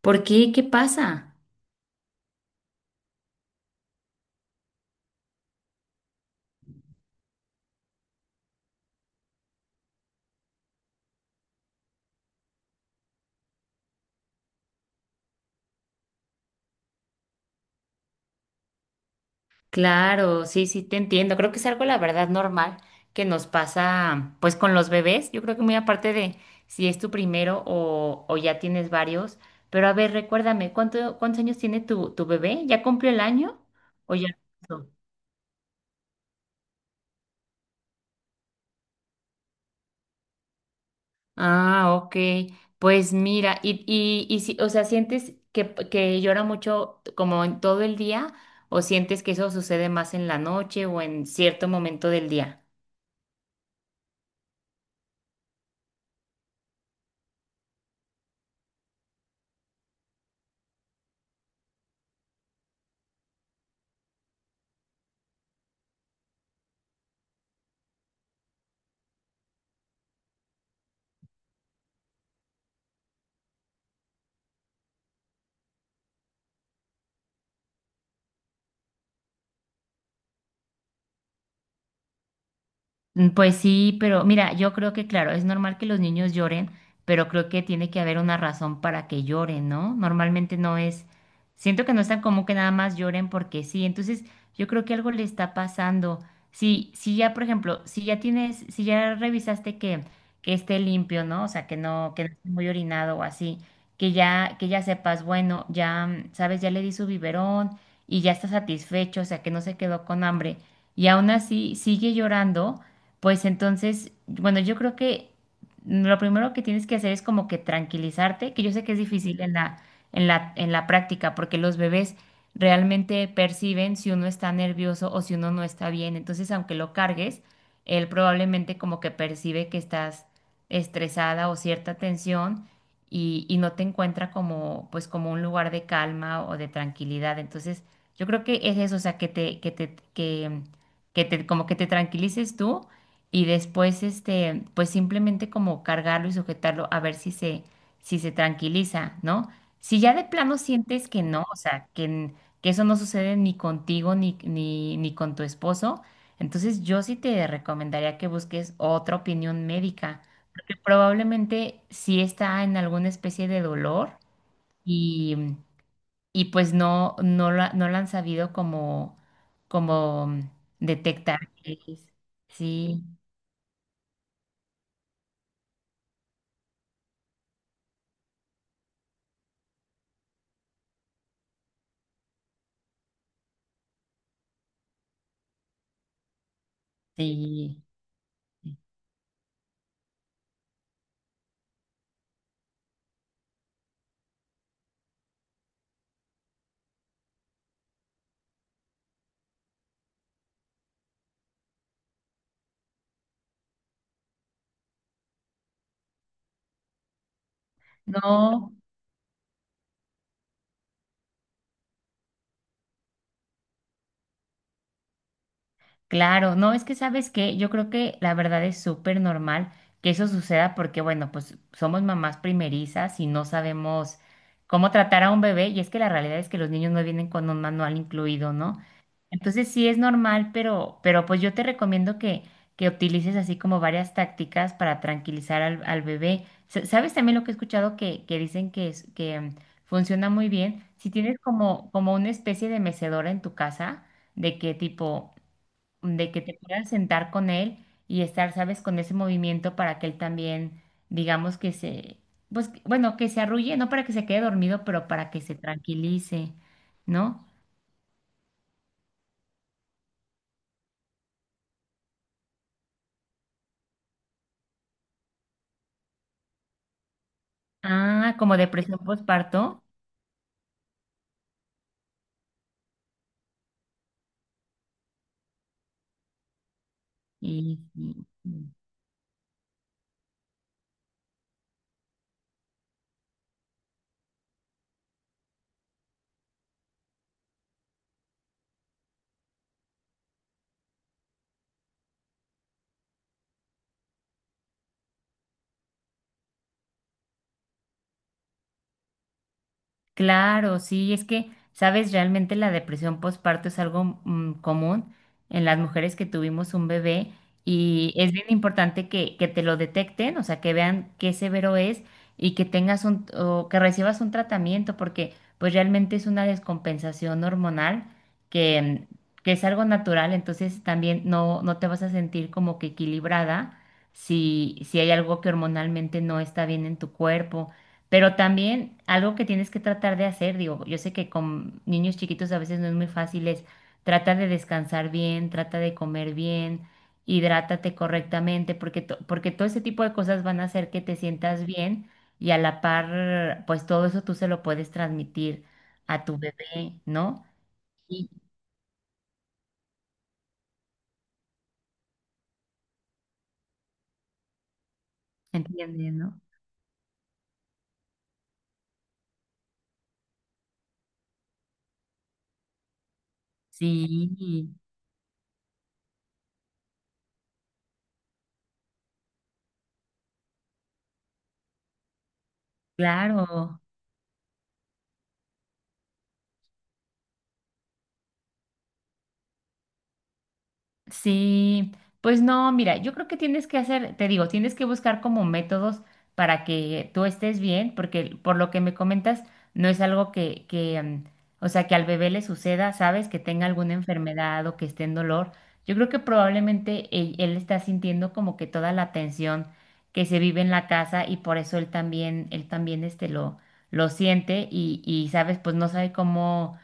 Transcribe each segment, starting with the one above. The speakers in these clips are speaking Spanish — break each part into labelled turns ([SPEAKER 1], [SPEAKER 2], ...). [SPEAKER 1] ¿Por qué? ¿Qué pasa? Claro, sí, sí, te entiendo. Creo que es algo, la verdad, normal que nos pasa, pues, con los bebés. Yo creo que muy aparte de si es tu primero o ya tienes varios. Pero a ver, recuérdame, ¿ cuántos años tiene tu bebé? ¿Ya cumplió el año o ya? ¿No? Ah, ok. Pues mira, si, o sea, ¿ que llora mucho como en todo el día o sientes que eso sucede más en la noche o en cierto momento del día? Pues sí, pero mira, yo creo que claro, es normal que los niños lloren, pero creo que tiene que haber una razón para que lloren, ¿no? Normalmente no es, siento que no es tan común que nada más lloren porque sí. Entonces yo creo que algo le está pasando. Si, si ya, por ejemplo, si ya tienes, si ya revisaste que esté limpio, ¿no? O sea, que no esté muy orinado o así, que ya sepas, bueno, ya, sabes, ya le di su biberón y ya está satisfecho, o sea, que no se quedó con hambre y aún así sigue llorando. Pues entonces, bueno, yo creo que lo primero que tienes que hacer es como que tranquilizarte, que yo sé que es difícil en la práctica, porque los bebés realmente perciben si uno está nervioso o si uno no está bien. Entonces, aunque lo cargues, él probablemente como que percibe que estás estresada o cierta tensión y no te encuentra como, pues, como un lugar de calma o de tranquilidad. Entonces, yo creo que es eso, o sea, que te, que te, que te, como que te tranquilices tú y después este, pues simplemente como cargarlo y sujetarlo a ver si se, si se tranquiliza, ¿no? Si ya de plano sientes que no, o sea, que eso no sucede ni contigo ni con tu esposo, entonces yo sí te recomendaría que busques otra opinión médica, porque probablemente sí está en alguna especie de dolor y, y pues no, no la, no la han sabido como, como detectar. Que es. Sí, sí. No. Claro, no, es que sabes que yo creo que la verdad es súper normal que eso suceda porque, bueno, pues somos mamás primerizas y no sabemos cómo tratar a un bebé, y es que la realidad es que los niños no vienen con un manual incluido, ¿no? Entonces sí es normal, pero pues yo te recomiendo que utilices así como varias tácticas para tranquilizar al, al bebé. ¿Sabes también lo que he escuchado que dicen que, funciona muy bien? Si tienes como, como una especie de mecedora en tu casa, de que tipo de que te puedas sentar con él y estar, sabes, con ese movimiento para que él también, digamos que se, pues, bueno, que se arrulle, no para que se quede dormido, pero para que se tranquilice, ¿no? Ah, como depresión postparto. Y, y- Claro, sí, es que, sabes, realmente la depresión postparto es algo común en las mujeres que tuvimos un bebé, y es bien importante que te lo detecten, o sea, que vean qué severo es, y que tengas un, o que recibas un tratamiento, porque pues realmente es una descompensación hormonal que, mm, que es algo natural. Entonces también no, no te vas a sentir como que equilibrada si, si hay algo que hormonalmente no está bien en tu cuerpo. Pero también algo que tienes que tratar de hacer, digo, yo sé que con niños chiquitos a veces no es muy fácil, es trata de descansar bien, trata de comer bien, hidrátate correctamente, porque todo ese tipo de cosas van a hacer que te sientas bien, y a la par, pues todo eso tú se lo puedes transmitir a tu bebé, ¿no? Sí, ¿entiendes, no? Sí, claro. Sí, pues no, mira, yo creo que tienes que hacer, te digo, tienes que buscar como métodos para que tú estés bien, porque por lo que me comentas, no es algo o sea, que al bebé le suceda, ¿sabes? Que tenga alguna enfermedad o que esté en dolor. Yo creo que probablemente él está sintiendo como que toda la tensión que se vive en la casa, y por eso él también este lo siente y, ¿sabes? Pues no sabe cómo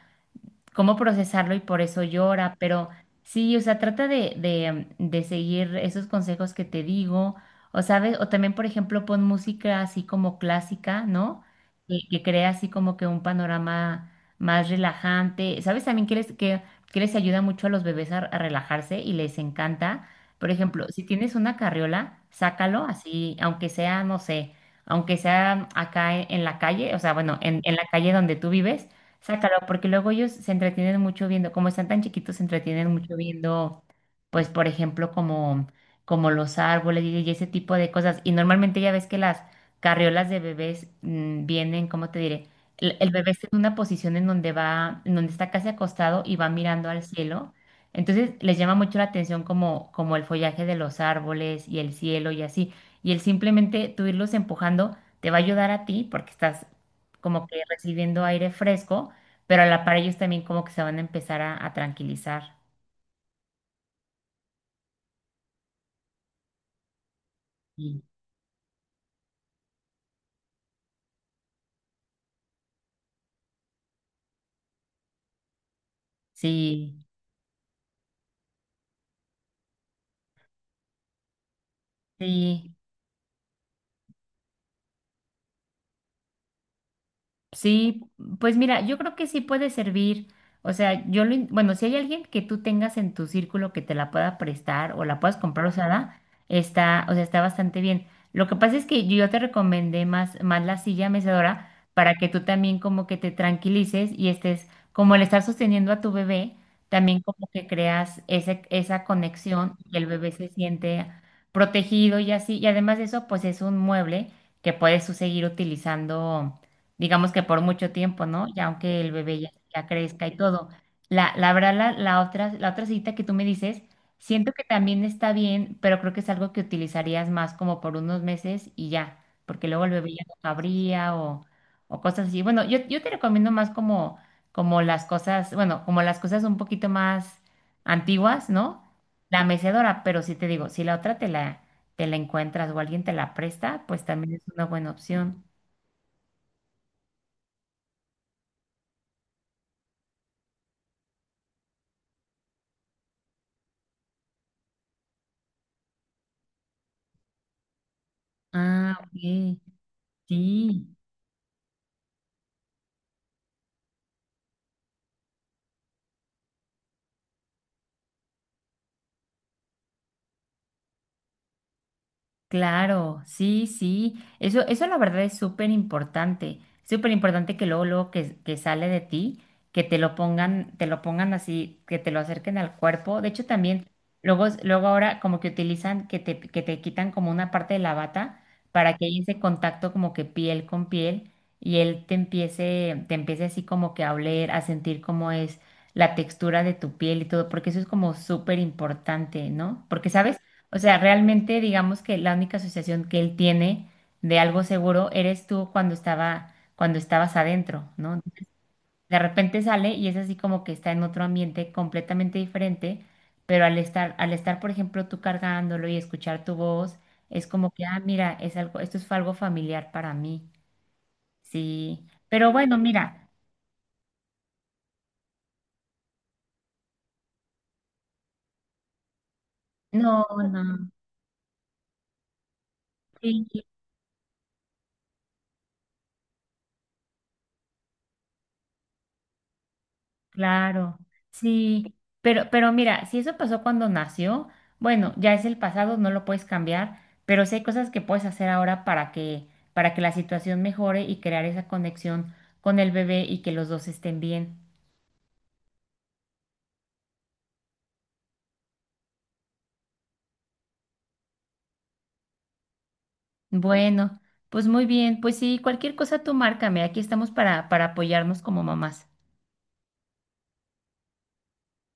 [SPEAKER 1] cómo procesarlo y por eso llora, pero sí, o sea, trata de seguir esos consejos que te digo, o sabes, o también, por ejemplo, pon música así como clásica, ¿no? Que crea así como que un panorama más relajante. ¿Sabes también que les ayuda mucho a los bebés a relajarse y les encanta? Por ejemplo, si tienes una carriola, sácalo así, aunque sea, no sé, aunque sea acá en la calle, o sea, bueno, en la calle donde tú vives. Sácalo, porque luego ellos se entretienen mucho viendo, como están tan chiquitos, se entretienen mucho viendo, pues, por ejemplo, como, como los árboles y ese tipo de cosas. Y normalmente ya ves que las carriolas de bebés vienen, ¿cómo te diré? El bebé está en una posición en donde va, en donde está casi acostado y va mirando al cielo. Entonces les llama mucho la atención como, como el follaje de los árboles y el cielo y así. Y el simplemente tú irlos empujando te va a ayudar a ti porque estás como que recibiendo aire fresco, pero a la par ellos también como que se van a empezar a tranquilizar. Sí. Sí, sí. Sí, pues mira, yo creo que sí puede servir. O sea, yo lo, bueno, si hay alguien que tú tengas en tu círculo que te la pueda prestar o la puedas comprar usada, está, o sea, está bastante bien. Lo que pasa es que yo te recomendé más la silla mecedora para que tú también como que te tranquilices y estés, como el estar sosteniendo a tu bebé, también como que creas ese, esa conexión, y el bebé se siente protegido y así. Y además de eso, pues es un mueble que puedes tú seguir utilizando digamos que por mucho tiempo, ¿no? Ya aunque el bebé ya, ya crezca y todo. La la otra cita que tú me dices, siento que también está bien, pero creo que es algo que utilizarías más como por unos meses y ya, porque luego el bebé ya no cabría o cosas así. Bueno, yo te recomiendo más como, como las cosas, bueno, como las cosas un poquito más antiguas, ¿no? La mecedora, pero sí te digo, si la otra te la encuentras o alguien te la presta, pues también es una buena opción. Ah, ok. Sí, claro, sí, sí. Eso la verdad es súper importante. Súper importante que luego, luego que sale de ti, que te lo pongan así, que te lo acerquen al cuerpo. De hecho, también, luego, luego ahora como que utilizan, que te quitan como una parte de la bata para que haya ese contacto como que piel con piel, y él te empiece así como que a oler, a sentir cómo es la textura de tu piel y todo, porque eso es como súper importante, ¿no? Porque sabes O sea, realmente digamos que la única asociación que él tiene de algo seguro eres tú cuando estaba, cuando estabas adentro, ¿no? De repente sale y es así como que está en otro ambiente completamente diferente, pero al estar, por ejemplo, tú cargándolo y escuchar tu voz, es como que, ah, mira, es algo, esto fue algo familiar para mí. Sí. Pero bueno, mira, no, no. Sí. Claro, sí, pero mira, si eso pasó cuando nació, bueno, ya es el pasado, no lo puedes cambiar, pero sí hay cosas que puedes hacer ahora para que la situación mejore y crear esa conexión con el bebé, y que los dos estén bien. Bueno, pues muy bien, pues sí, cualquier cosa tú márcame, aquí estamos para apoyarnos como mamás.